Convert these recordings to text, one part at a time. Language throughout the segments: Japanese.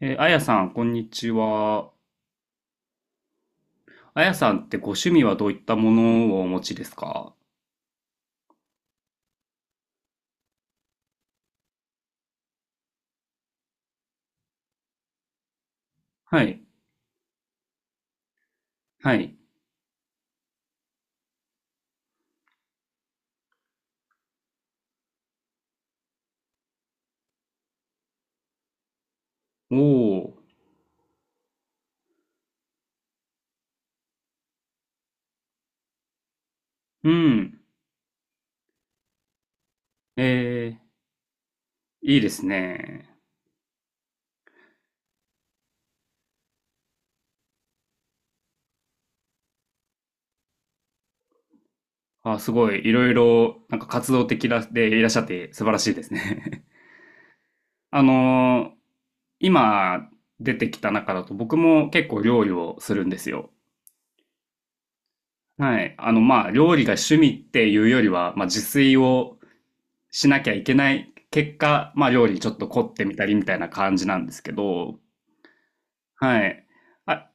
あやさん、こんにちは。あやさんってご趣味はどういったものをお持ちですか？はい、はい。おー、うん、えー、いいですね。あ、すごい、いろいろ、活動的らでいらっしゃって素晴らしいですね。あのー今出てきた中だと僕も結構料理をするんですよ。はい。まあ、料理が趣味っていうよりは、まあ、自炊をしなきゃいけない結果、まあ、料理にちょっと凝ってみたりみたいな感じなんですけど、はい。あ、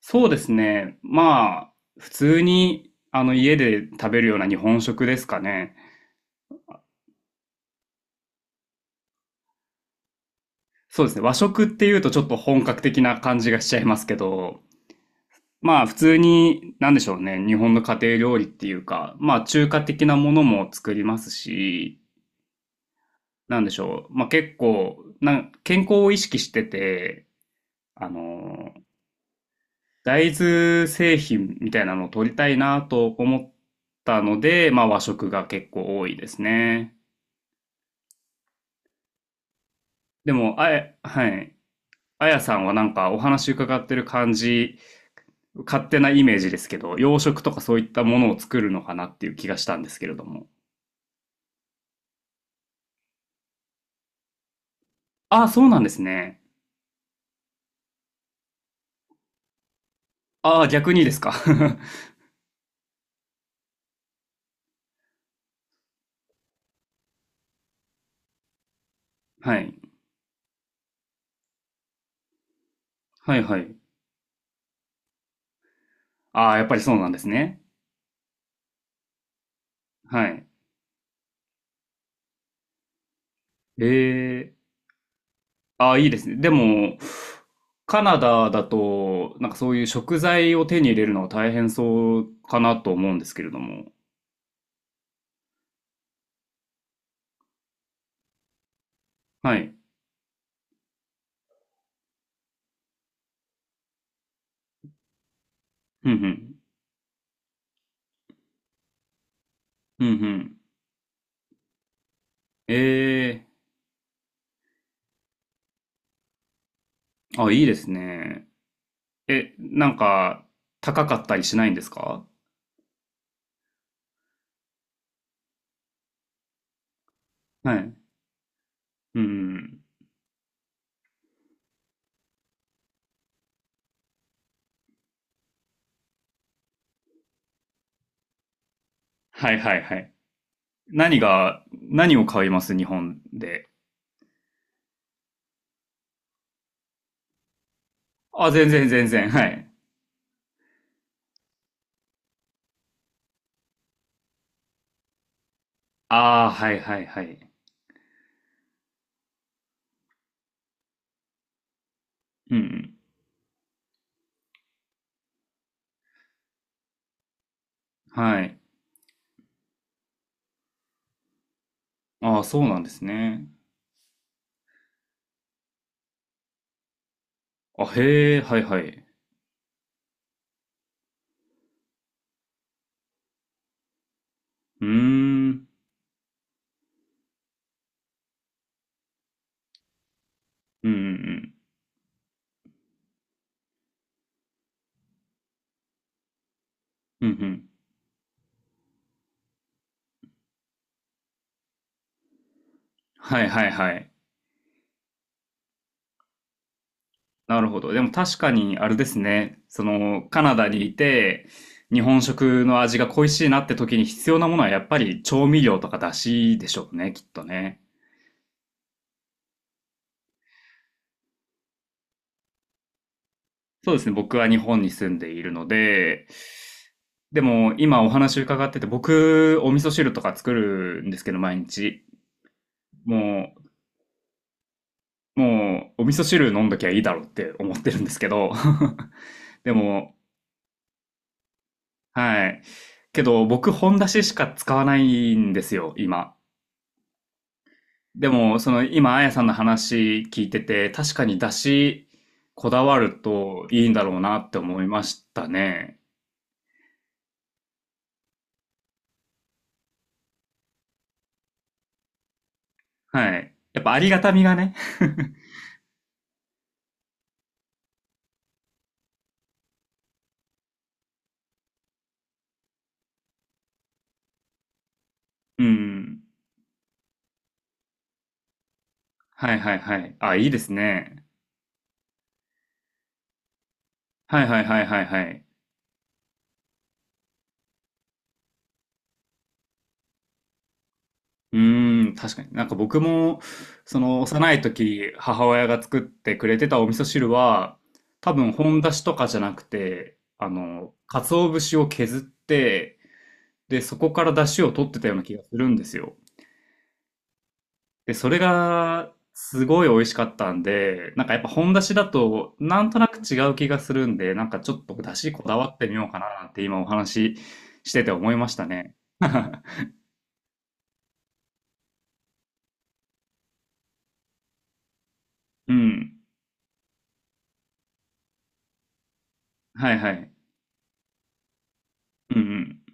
そうですね。まあ、普通に、家で食べるような日本食ですかね。そうですね。和食っていうとちょっと本格的な感じがしちゃいますけど、まあ、普通に、なんでしょうね。日本の家庭料理っていうか、まあ、中華的なものも作りますし、なんでしょう。まあ、結構、健康を意識してて、あの大豆製品みたいなのを取りたいなと思ったので、まあ和食が結構多いですね。でも、はい。あやさんはなんかお話伺ってる感じ、勝手なイメージですけど、洋食とかそういったものを作るのかなっていう気がしたんですけれども。ああ、そうなんですね。ああ、逆にですか。はい。はいはい。ああ、やっぱりそうなんですね。はい。ええ、ああ、いいですね。でも、カナダだと、なんかそういう食材を手に入れるのは大変そうかなと思うんですけれども。はい。うんうん。うんうん。ええ、あ、いいですね。え、なんか、高かったりしないんですか？はい。うん。はいはいはい。何が、何を買います日本で？あ、全然全然。はい。ああ、はいはいはい。うんうん。はい。ああ、そうなんですね。あ、へえ、はいはい。うーん。うんうんうん。うんうん。はいはいはい。なるほど。でも確かにあれですね。その、カナダにいて、日本食の味が恋しいなって時に必要なものはやっぱり調味料とか出汁でしょうね、きっとね。そうですね。僕は日本に住んでいるので、でも今お話伺ってて、僕、お味噌汁とか作るんですけど、毎日。ももう、お味噌汁飲んどきゃいいだろうって思ってるんですけど、でも、はい。けど、僕、本出ししか使わないんですよ、今。でも、その、今、あやさんの話聞いてて、確かに出し、こだわるといいんだろうなって思いましたね。はい。やっぱ、ありがたみがね。うん。はいはいはい。あ、いいですね。はいはいはいはいはい。うーん、確かに。なんか僕も、その幼い時、母親が作ってくれてたお味噌汁は、多分本だしとかじゃなくて、あの、鰹節を削って、で、そこから出汁を取ってたような気がするんですよ。で、それが、すごい美味しかったんで、なんかやっぱ本だしだと、なんとなく違う気がするんで、なんかちょっとだしこだわってみようかななんて今お話ししてて思いましたね。うん。はいはい。うんうん。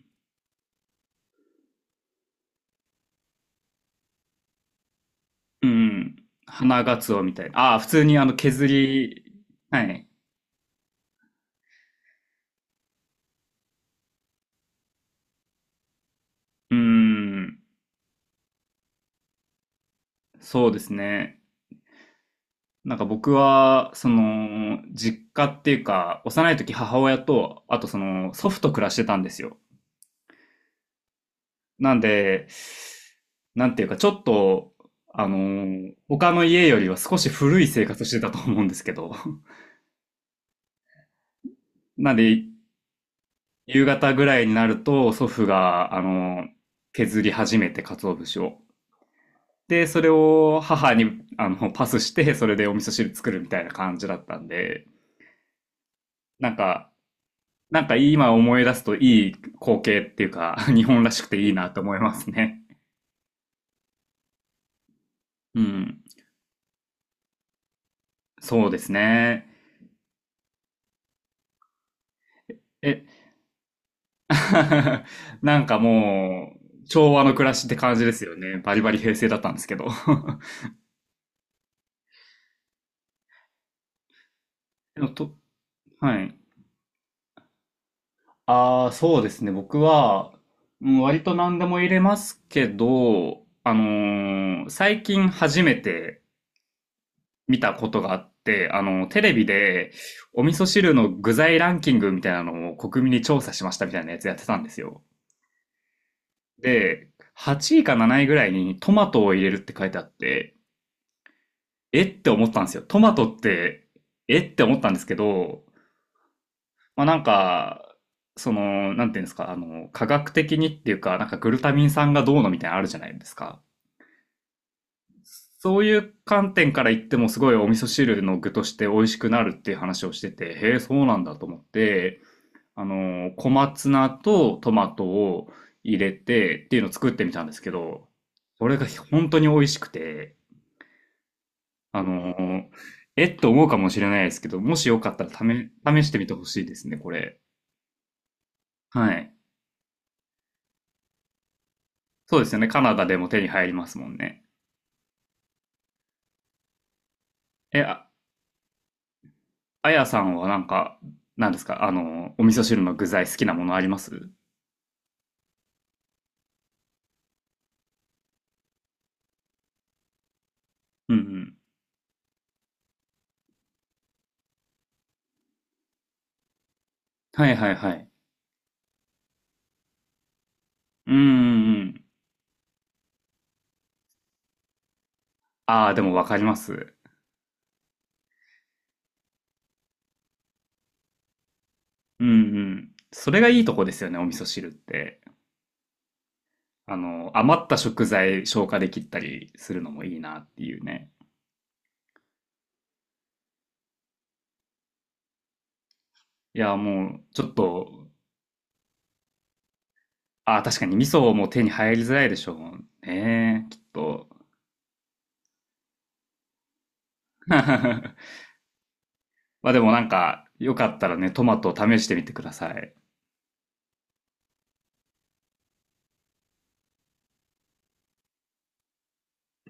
うん。花ガツオみたいな。ああ、普通にあの削り、はい。うん。そうですね。なんか僕は、その、実家っていうか、幼い時母親と、あとその、祖父と暮らしてたんですよ。なんで、なんていうか、ちょっと、あの他の家よりは少し古い生活してたと思うんですけど。なんで、夕方ぐらいになると、祖父が、削り始めて、鰹節を。で、それを母にあのパスして、それでお味噌汁作るみたいな感じだったんで、なんか、なんか今思い出すといい光景っていうか、日本らしくていいなと思いますね。うん。そうですね。え、なんかもう、昭和の暮らしって感じですよね。バリバリ平成だったんですけど。でもと、はい。ああ、そうですね。僕は、うん割と何でも入れますけど、最近初めて見たことがあって、あの、テレビで、お味噌汁の具材ランキングみたいなのを国民に調査しましたみたいなやつやってたんですよ。で、8位か7位ぐらいにトマトを入れるって書いてあって、えって思ったんですよ。トマトって、えって思ったんですけど、まあなんか、その、なんていうんですか、あの、科学的にっていうか、なんかグルタミン酸がどうのみたいなのあるじゃないですか。そういう観点から言ってもすごいお味噌汁の具として美味しくなるっていう話をしてて、へえ、そうなんだと思って、あの、小松菜とトマトを入れてっていうのを作ってみたんですけど、それが本当に美味しくて、あの、えっと思うかもしれないですけど、もしよかったら試、試してみてほしいですね、これ。はい。そうですよね。カナダでも手に入りますもんね。え、あ、あやさんはなんか、なんですかあの、お味噌汁の具材好きなものあります？うんうん。はいはいはい。うんうんうん。ああ、でもわかります。うんうん。それがいいとこですよね、お味噌汁って。あの、余った食材消化できたりするのもいいなっていうね。いや、もう、ちょっと、あー、確かに味噌も手に入りづらいでしょうね、きっと。まあでもなんか、よかったらね、トマトを試してみてください。